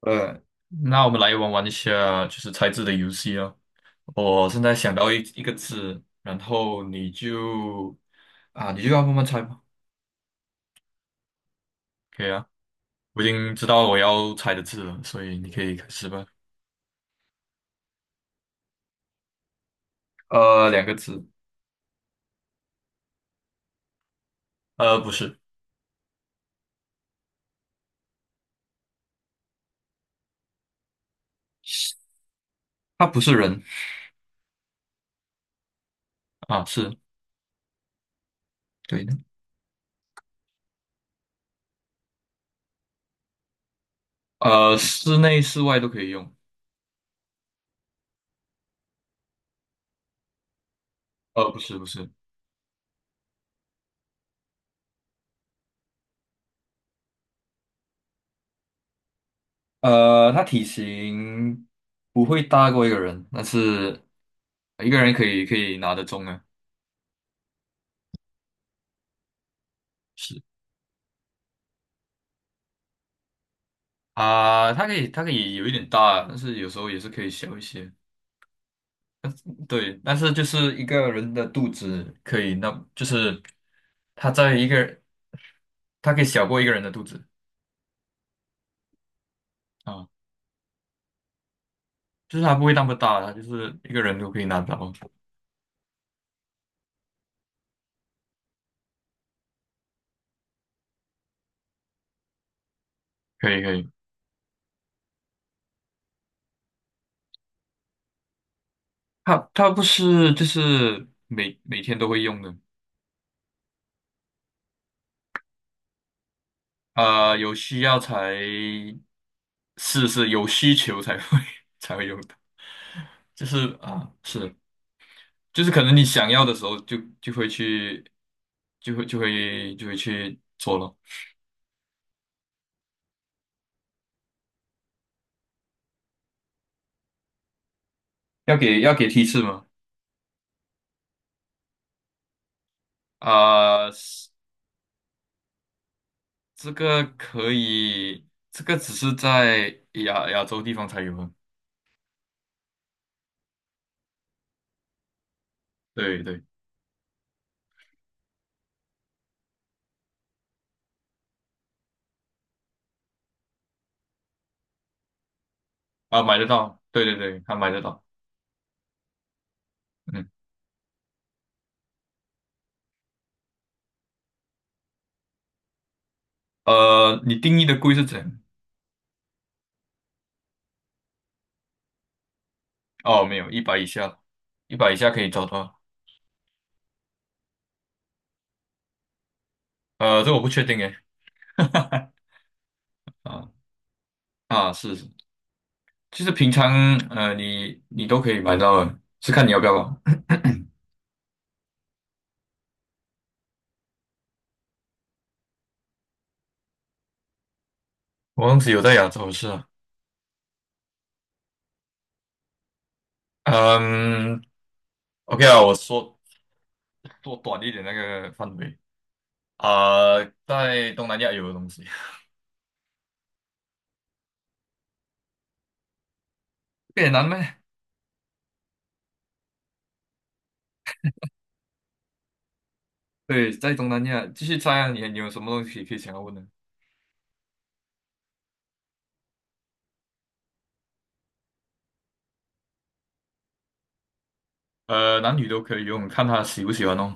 呃，那我们来玩一下，就是猜字的游戏哦。我现在想到一个字，然后你就你就要慢慢猜吧。可以啊，我已经知道我要猜的字了，所以你可以开始吧。两个字。不是，它不是人。啊，是，对的。室内室外都可以用。不是，它体型不会大过一个人，但是一个人可以拿得中啊。是。啊，它可以，它可以有一点大，但是有时候也是可以小一些。对，但是就是一个人的肚子可以，那就是它在一个，它可以小过一个人的肚子啊，就是它不会那么大，它就是一个人都可以拿到。可以可以，它不是就是每天都会用的。有需要才，是有需求才会 才会用的，就是啊，是。就是可能你想要的时候就会去，就会去做了。要给提示吗？啊、是，这个可以，这个只是在亚洲地方才有啊。对对。啊，买得到，对对对，他买得到。嗯。你定义的贵是怎样？哦，没有，一百以下，一百以下可以找到。这我不确定诶。啊，啊，是是，就是平常，你都可以买到的，是看你要不要吧。我王子有在亚洲是啊。嗯，OK 啊，我说做短一点那个范围啊，在东南亚有的东西。越南咩？对，在东南亚继续猜啊，你有什么东西可以想要问的？男女都可以用，看他喜不喜欢哦。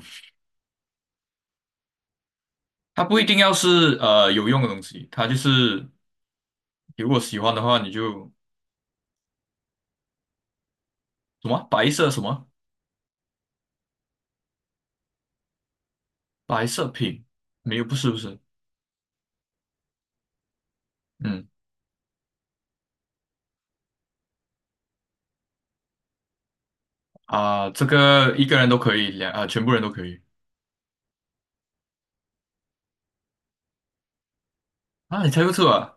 他不一定要是有用的东西，他就是如果喜欢的话，你就什么白色什么，白色品，没有，不是，嗯，啊、这个一个人都可以，两啊、全部人都可以。啊，你猜不出啊？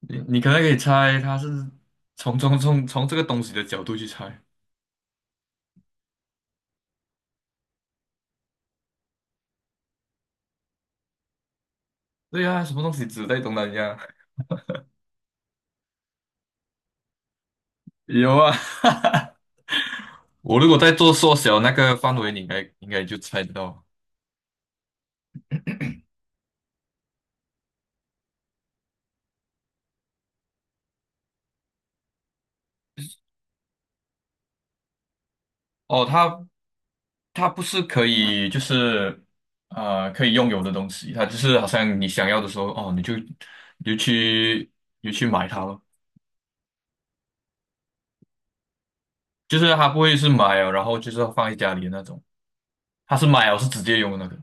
你你可能可以猜他是从，从这个东西的角度去猜。对呀、什么东西只在东南亚？有啊，我如果在做缩小那个范围，你应该就猜得到。哦，它不是可以就是，可以拥有的东西，它就是好像你想要的时候，哦，你就去，你就去买它咯。就是它不会是买了，然后就是放在家里的那种，它是买了是直接用的那个。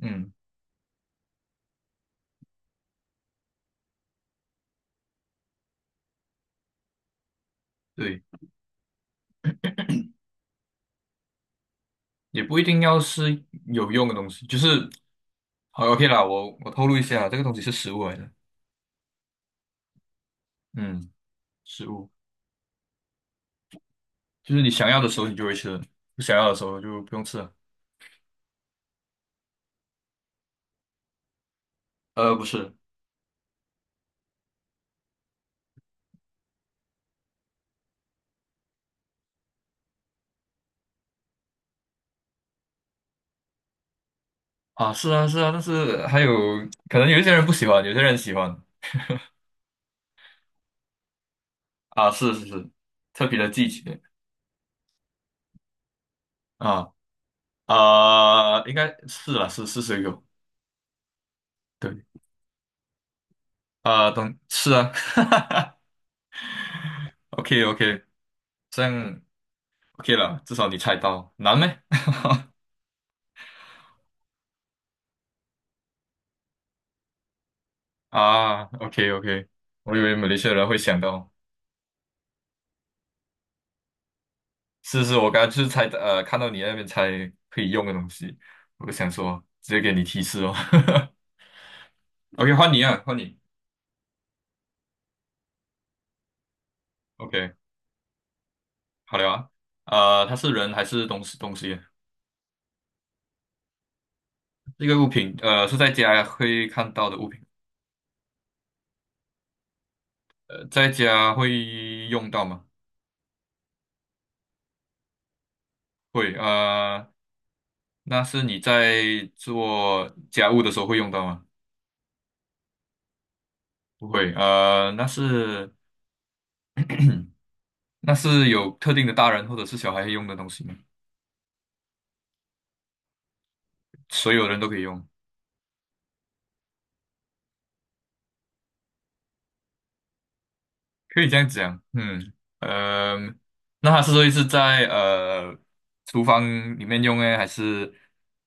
嗯，对。也不一定要是有用的东西，就是好， OK 啦，我透露一下，这个东西是食物来的。嗯，食物，就是你想要的时候你就会吃，不想要的时候就不用吃了。不是啊，是啊是啊，但是还有可能有一些人不喜欢，有些人喜欢。啊，是是是，特别的季节。啊啊、应该是啦，是，是水果，对。啊，等是啊。 ，OK OK,这样 OK 了，至少你猜到，难咩？啊，OK OK,我以为马来西亚人会想到。是是，我刚刚就是猜，看到你那边猜可以用的东西，我就想说直接给你提示哦。OK,换你啊，换你。OK,好了啊。它是人还是东西？这个物品，是在家会看到的物品。在家会用到吗？会。那是你在做家务的时候会用到吗？不会。那是，那是有特定的大人或者是小孩用的东西吗？所有人都可以用，可以这样讲。嗯，呃，那它是会是在，厨房里面用呢，还是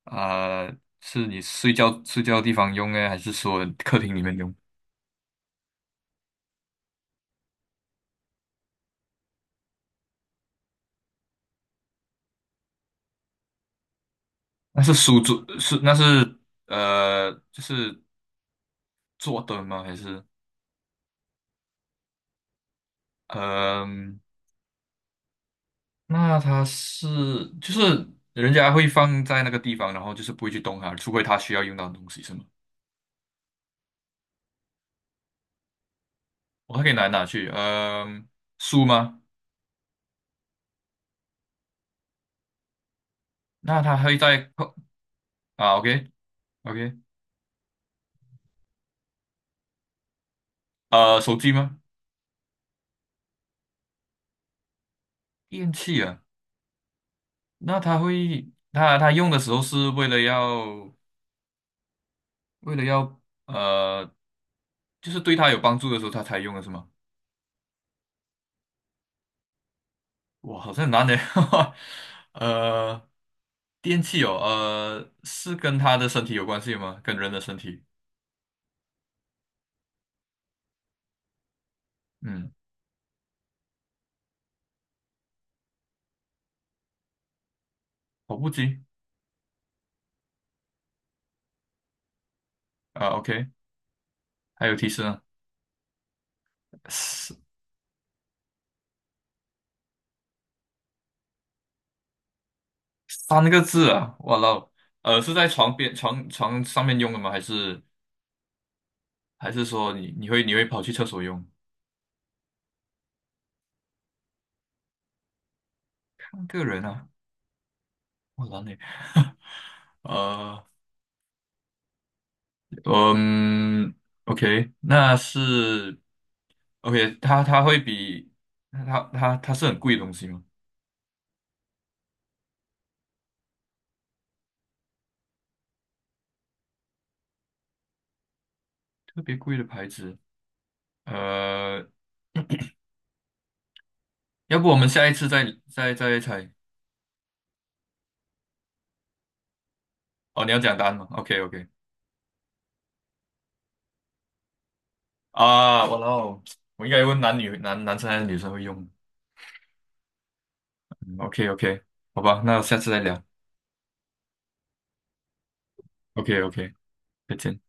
啊、是你睡觉的地方用呢，还是说客厅里面用？那是书桌，是那是就是坐的吗？还是嗯，那它是就是人家会放在那个地方，然后就是不会去动它，除非它需要用到的东西是吗？我还可以拿来拿去，嗯、书吗？那他会在，啊，OK OK。手机吗？电器啊，那他会，他他用的时候是为了要，为了要，呃，就是对他有帮助的时候他才用的是吗？哇，好像很难的，呃，电器哦，是跟他的身体有关系吗？跟人的身体？嗯，跑步机。啊，OK,还有提示呢，三三个字啊，哇啦哦。是在床边，床上面用的吗？还是？还是说你会，你会跑去厕所用？个人啊，我懒嘞。呃，嗯，OK,那是 OK,它它会比，它它它是很贵的东西吗？特别贵的牌子，呃，要不我们下一次再猜？哦，你要讲答案吗？OK OK。啊，我哦，我应该问男女，男生还是女生会用？OK OK,好吧，那下次再聊。OK OK,再见。